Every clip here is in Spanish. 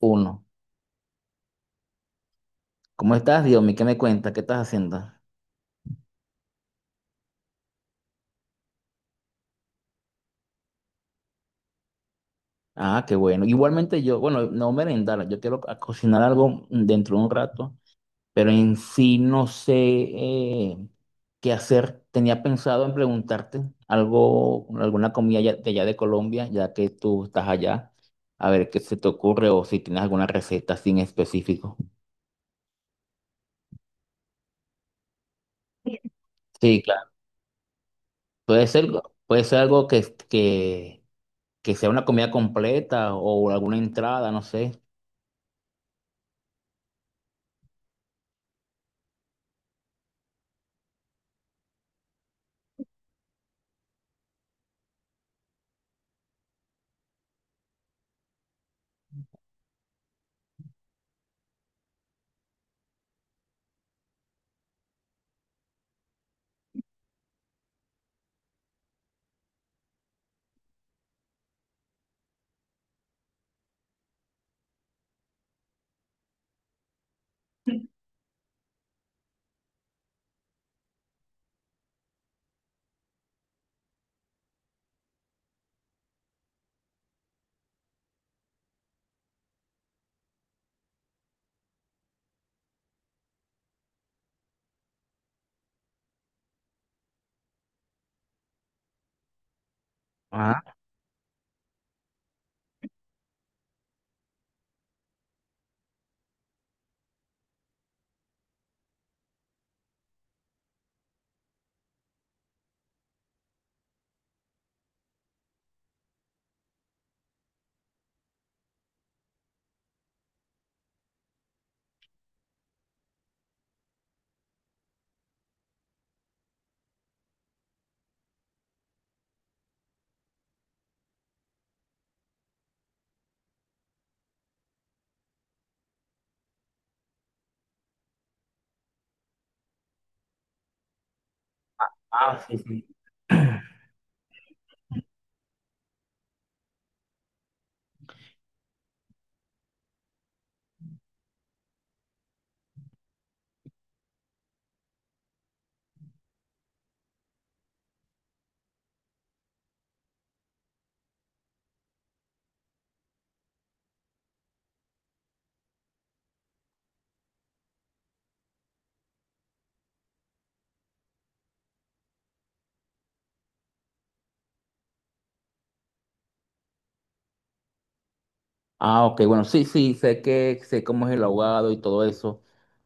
Uno. ¿Cómo estás, Diomi? ¿Qué me cuentas? ¿Qué estás haciendo? Ah, qué bueno. Igualmente yo, bueno, no merendar, yo quiero cocinar algo dentro de un rato, pero en sí no sé qué hacer. Tenía pensado en preguntarte algo, alguna comida de allá de Colombia, ya que tú estás allá, a ver qué se te ocurre o si tienes alguna receta sin específico. Sí, claro. Puede ser, puede ser algo que sea una comida completa o alguna entrada, no sé. Ajá. Ah, ok, bueno, sí, sí, sé que sé cómo es el ahogado y todo eso.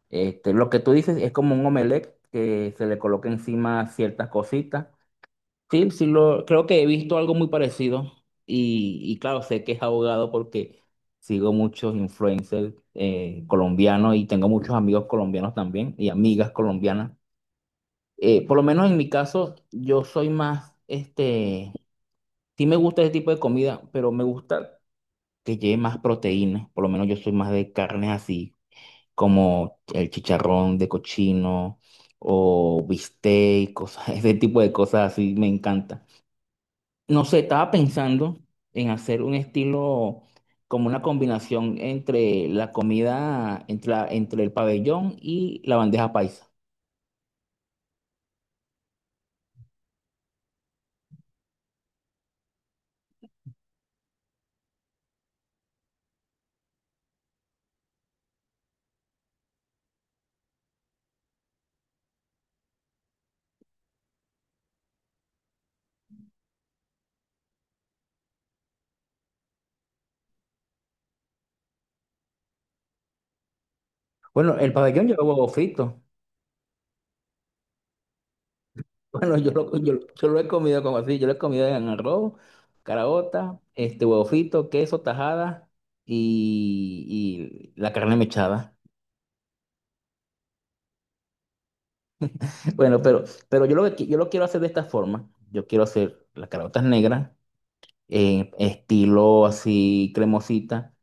Este, lo que tú dices es como un omelette que se le coloca encima ciertas cositas. Sí, sí, lo, creo que he visto algo muy parecido y claro, sé que es ahogado porque sigo muchos influencers colombianos y tengo muchos amigos colombianos también y amigas colombianas. Por lo menos en mi caso, yo soy más, este, sí me gusta ese tipo de comida, pero me gusta que lleve más proteínas, por lo menos yo soy más de carnes así, como el chicharrón de cochino o bistec, cosas, ese tipo de cosas así me encanta. No sé, estaba pensando en hacer un estilo como una combinación entre la comida, entre, entre el pabellón y la bandeja paisa. Bueno, el pabellón lleva huevo frito. Bueno, yo lo he comido como así, yo lo he comido en arroz, caraota, este huevo frito, queso, tajada y la carne mechada. Bueno, pero yo lo que yo lo quiero hacer de esta forma. Yo quiero hacer las caraotas negras, en estilo así cremosita,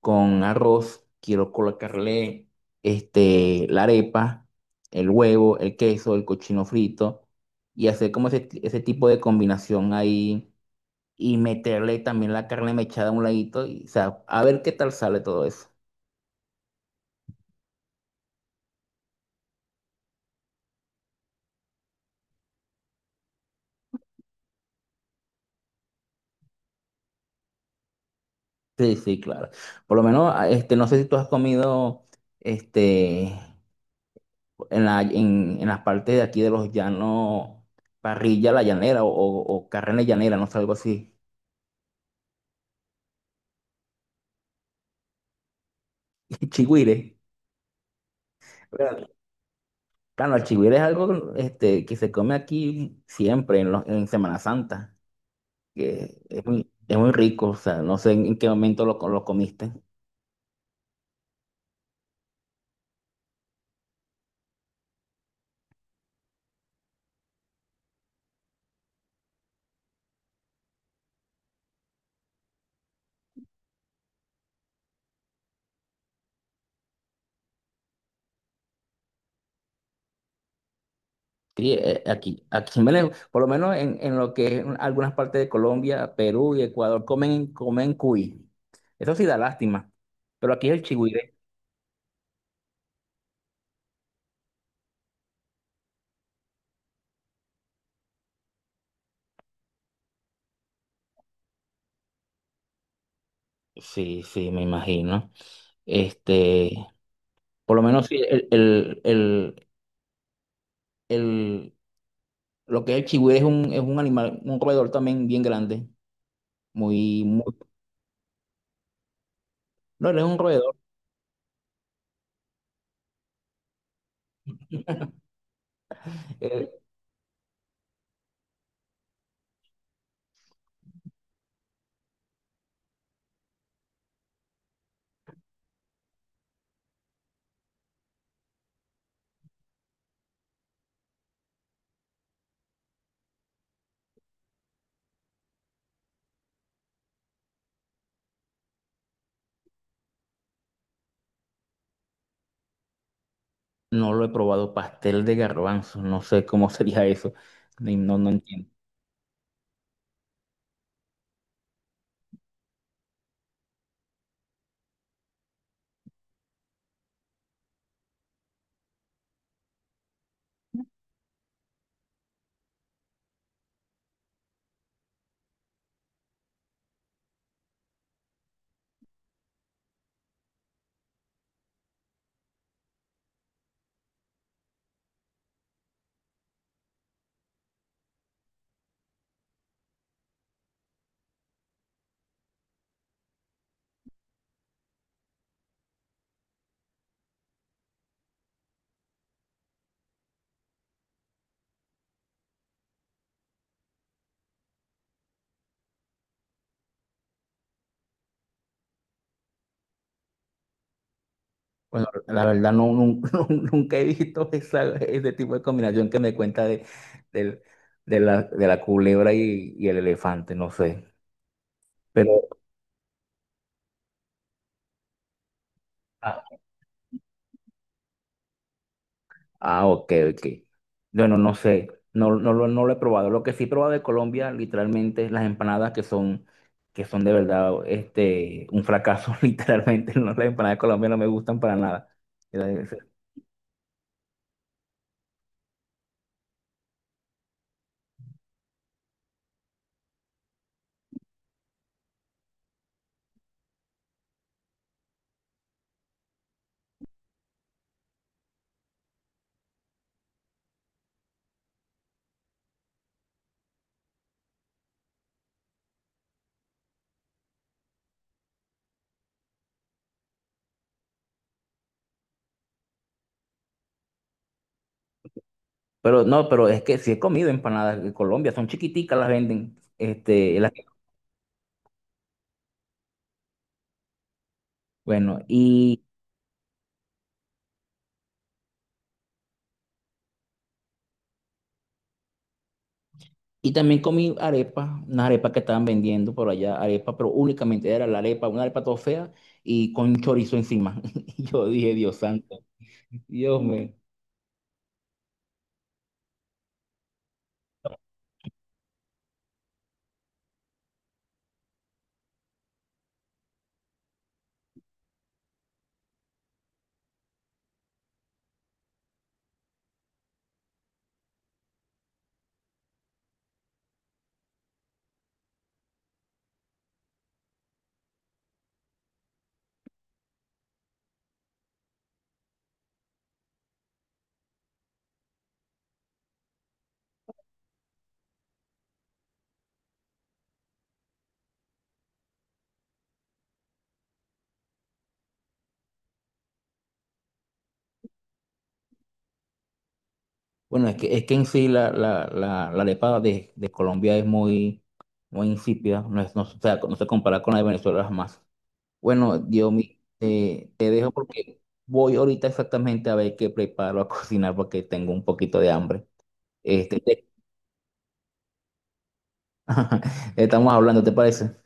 con arroz. Quiero colocarle este, la arepa, el huevo, el queso, el cochino frito y hacer como ese tipo de combinación ahí y meterle también la carne mechada a un ladito y, o sea, a ver qué tal sale todo eso. Sí, sí, claro. Por lo menos, ah, este, no sé si tú has comido, este, en la, en las partes de aquí de los llanos, parrilla a la llanera o carne llanera, no sé, algo así, chigüire. Claro, claro, el chigüire es algo, este, que se come aquí siempre en, los, en Semana Santa, que es muy rico, o sea, no sé en qué momento lo, lo comiste. Sí, aquí, aquí en Venezuela, por lo menos en lo que es algunas partes de Colombia, Perú y Ecuador, comen, comen cuy. Eso sí da lástima. Pero aquí es el chigüire. Sí, sí, me imagino. Este, por lo menos sí, el- lo que es el chigüire es un animal, un roedor también bien grande. Muy, muy, no, él es un roedor. Eh, no lo he probado, pastel de garbanzo, no sé cómo sería eso. No, no entiendo. Bueno, la verdad no, nunca he visto esa, ese tipo de combinación que me cuenta de, del- de la culebra y el elefante, no sé. Pero, ah, ah, ok, ok. Bueno, no sé, no, no, lo no lo he probado. Lo que sí he probado de Colombia, literalmente, es las empanadas que son de verdad este, un fracaso, literalmente. No, las empanadas de Colombia no me gustan para nada. Pero no, pero es que sí he comido empanadas de Colombia, son chiquiticas, las venden. Este, bueno, y también comí arepa, unas arepas que estaban vendiendo por allá, arepa, pero únicamente era la arepa, una arepa toda fea y con chorizo encima. Y yo dije, Dios santo, Dios mío. Bueno, es que en sí la arepa de Colombia es muy, muy insípida, no, es, no, o sea, no se compara con la de Venezuela jamás. Bueno, Dios mío, te dejo porque voy ahorita exactamente a ver qué preparo a cocinar porque tengo un poquito de hambre. Este, estamos hablando, ¿te parece?